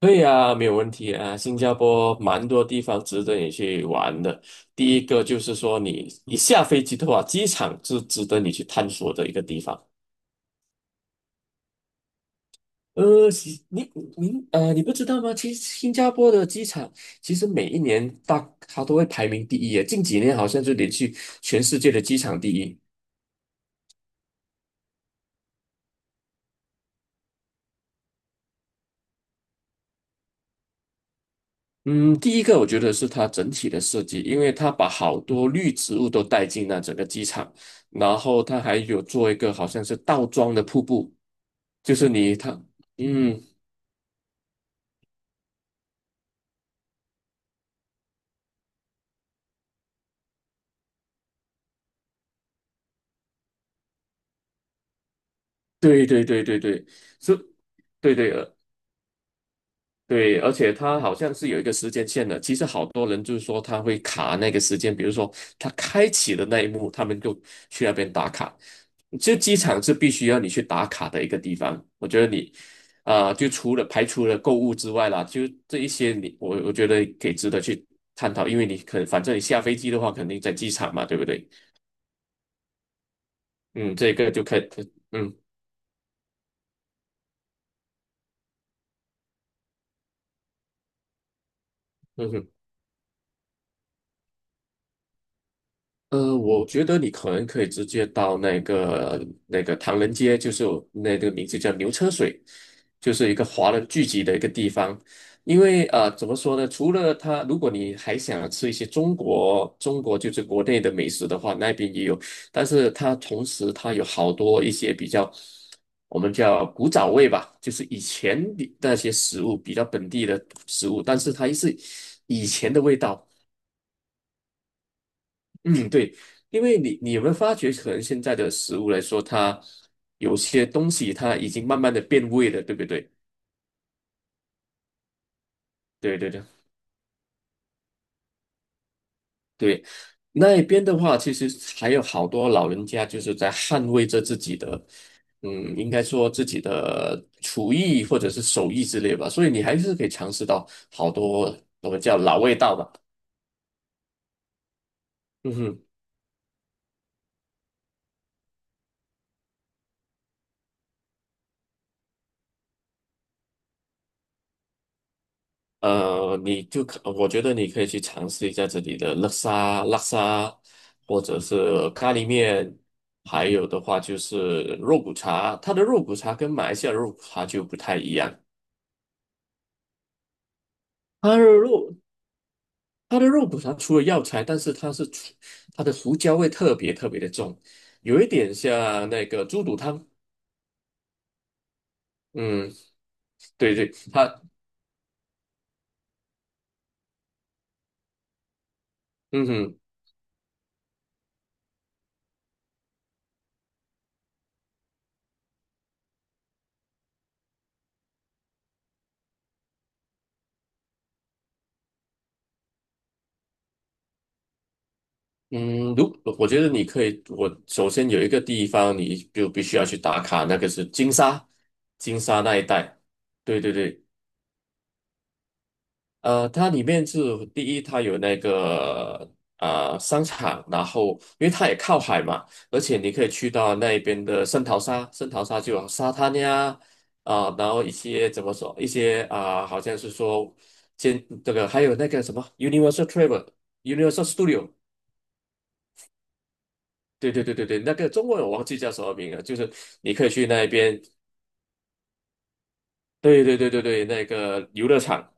对呀，没有问题啊。新加坡蛮多地方值得你去玩的。第一个就是说，你下飞机的话，机场是值得你去探索的一个地方。呃，其你你呃，你不知道吗？其实新加坡的机场，其实每一年它都会排名第一耶。近几年好像就连续全世界的机场第一。嗯，第一个我觉得是它整体的设计，因为它把好多绿植物都带进了整个机场，然后它还有做一个好像是倒装的瀑布。就是你他，嗯，对对对对对，是，对对对，而且它好像是有一个时间线的。其实好多人就是说他会卡那个时间，比如说他开启的那一幕，他们就去那边打卡。这机场是必须要你去打卡的一个地方。我觉得就除了购物之外啦，就这一些我觉得可以值得去探讨，因为反正你下飞机的话，肯定在机场嘛，对不对？嗯，这个就可以。嗯嗯哼。我觉得你可能可以直接到那个唐人街，就是那个名字叫牛车水，就是一个华人聚集的一个地方。因为怎么说呢？除了它，如果你还想吃一些中国就是国内的美食的话，那边也有。但是它同时它有好多一些比较我们叫古早味吧，就是以前的那些食物比较本地的食物，但是它是以前的味道。嗯，对。因为你有没有发觉，可能现在的食物来说，它有些东西它已经慢慢的变味了，对不对？对对对对。那一边的话，其实还有好多老人家就是在捍卫着自己的，嗯，应该说自己的厨艺或者是手艺之类吧，所以你还是可以尝试到好多我们叫老味道吧。嗯哼。呃，你就可，我觉得你可以去尝试一下这里的叻沙，或者是咖喱面，还有的话就是肉骨茶。它的肉骨茶跟马来西亚的肉骨茶就不太一样。它的肉它的肉骨茶除了药材，但是它的胡椒味特别特别的重，有一点像那个猪肚汤。嗯，对对，嗯哼。我觉得你可以，我首先有一个地方你就必须要去打卡，那个是金沙，金沙那一带。对对对。它里面是第一，它有那个商场，然后因为它也靠海嘛，而且你可以去到那边的圣淘沙，圣淘沙就有沙滩呀。然后一些怎么说，一些啊、好像是说，建这个还有那个什么 Universal Travel、Universal Studio。对对对对对，那个中文我忘记叫什么名了，就是你可以去那边。对对对对对，那个游乐场，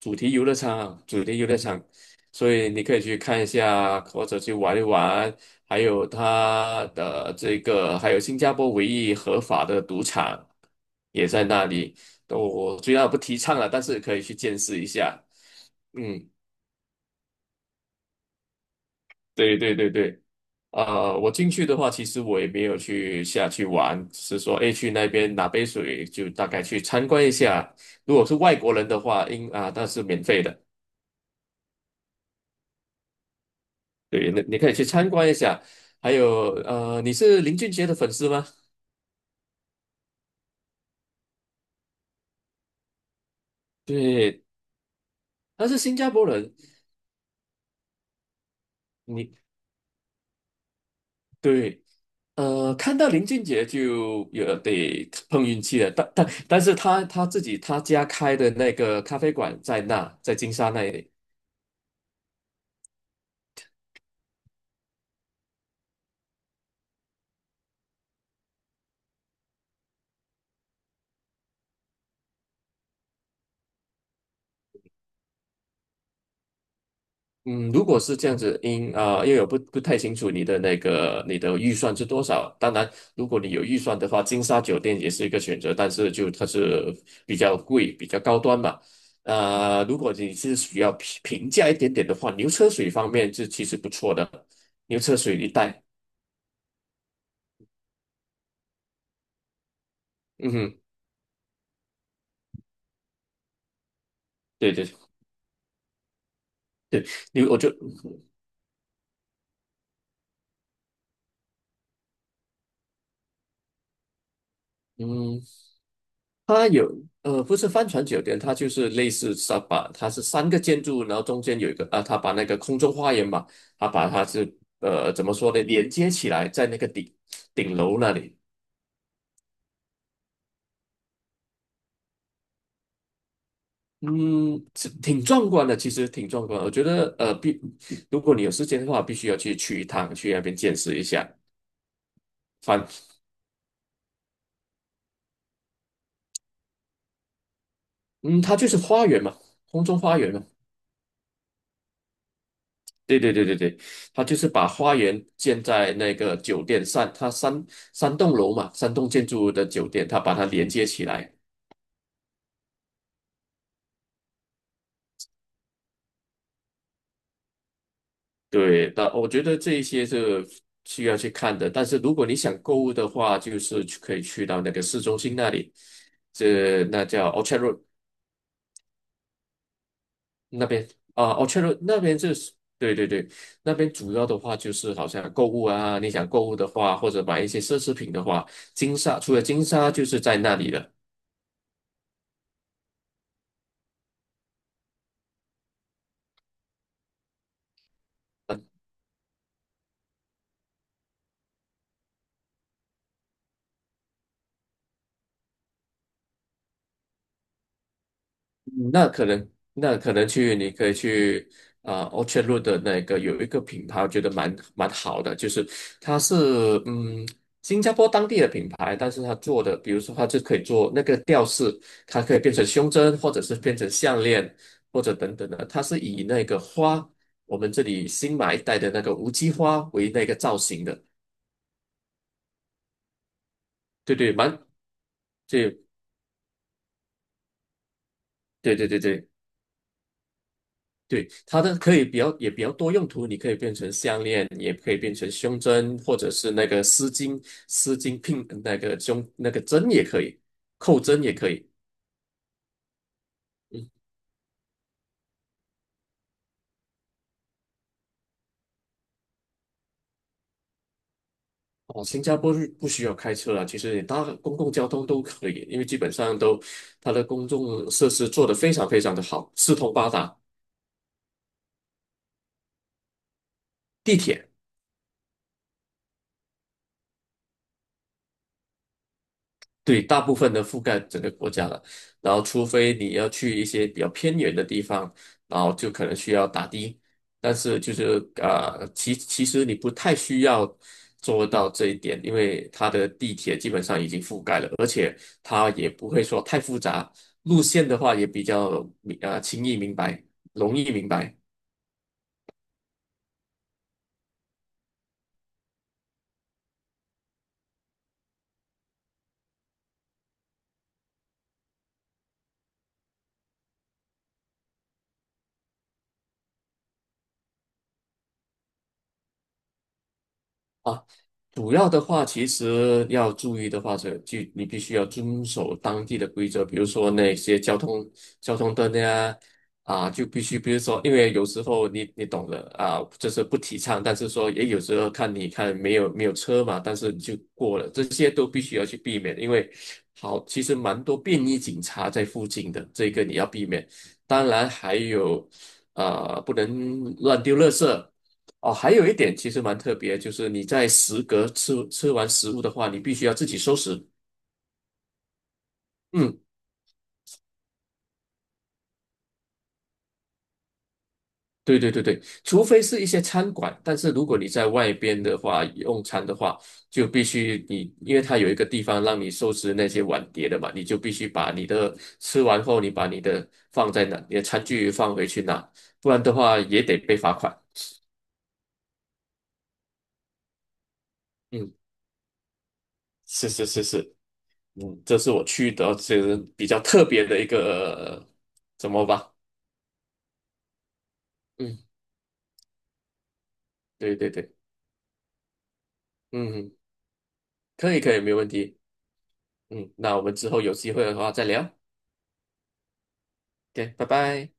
主题游乐场，所以你可以去看一下，或者去玩一玩。还有它的这个，还有新加坡唯一合法的赌场也在那里。我虽然不提倡了，但是可以去见识一下。嗯，对对对对。我进去的话，其实我也没有去下去玩，只是说，诶，去那边拿杯水，就大概去参观一下。如果是外国人的话，那是免费的。对，那你可以去参观一下。还有，你是林俊杰的粉丝吗？对，他是新加坡人。你对，看到林俊杰就有得碰运气了，但是他自己他家开的那个咖啡馆在那，在金沙那里。嗯，如果是这样子，因为我不太清楚你的预算是多少。当然，如果你有预算的话，金沙酒店也是一个选择，但是就它是比较贵、比较高端嘛。如果你是需要平价一点点的话，牛车水方面是其实不错的，牛车水一带。嗯哼，对对。牛我就嗯它有不是帆船酒店，它就是类似沙把，它是三个建筑，然后中间有一个啊，它把那个空中花园嘛，它把它是怎么说呢，连接起来在那个顶楼那里。嗯，是挺壮观的，其实挺壮观的我觉得如果你有时间的话，必须要去去一趟，去那边见识一下。反嗯，它就是花园嘛，空中花园嘛。对对对对对，他就是把花园建在那个酒店上，三栋楼嘛，三栋建筑物的酒店，他把它连接起来。对，那我觉得这一些是需要去看的。但是如果你想购物的话，就是可以去到那个市中心那里，那叫 Orchard Road 那边啊，Orchard r o 那边就是对对对。那边主要的话就是好像购物啊，你想购物的话，或者买一些奢侈品的话，除了金沙就是在那里了。嗯那可能，那可能去，你可以去Orchard Road 的那个有一个品牌，我觉得蛮好的。就是它是嗯新加坡当地的品牌，但是它做的，比如说它就可以做那个吊饰，它可以变成胸针，或者是变成项链，或者等等的，它是以那个花，我们这里新买一带的那个无机花为那个造型的。对对，对对对对对。对，它的可以比较也比较多用途，你可以变成项链，也可以变成胸针，或者是那个丝巾，丝巾拼那个胸那个针也可以，扣针也可以。嗯，哦，新加坡是不需要开车了，其实你搭公共交通都可以，因为基本上它的公众设施做得非常非常的好，四通八达。地铁。对，大部分的覆盖整个国家了，然后除非你要去一些比较偏远的地方，然后就可能需要打的，但是其实你不太需要做到这一点，因为它的地铁基本上已经覆盖了，而且它也不会说太复杂，路线的话也比较明啊呃轻易明白，容易明白。啊。主要的话，其实要注意的话，是，就你必须要遵守当地的规则，比如说那些交通灯呀。啊，就必须，比如说，因为有时候你懂的啊，这是不提倡，但是说也有时候看没有车嘛，但是你就过了，这些都必须要去避免。因为好，其实蛮多便衣警察在附近的，这个你要避免。当然还有，啊，不能乱丢垃圾。哦，还有一点其实蛮特别，就是你在食阁吃完食物的话，你必须要自己收拾。嗯，对对对对，除非是一些餐馆，但是如果你在外边的话用餐的话，就必须你，因为它有一个地方让你收拾那些碗碟的嘛，你就必须把你的吃完后，你把你的放在那，你的餐具放回去拿，不然的话也得被罚款。嗯，是是是是。这是我去的，是比较特别的一个，怎么吧？嗯，对对对。嗯，可以可以，没问题。那我们之后有机会的话再聊。OK，拜拜。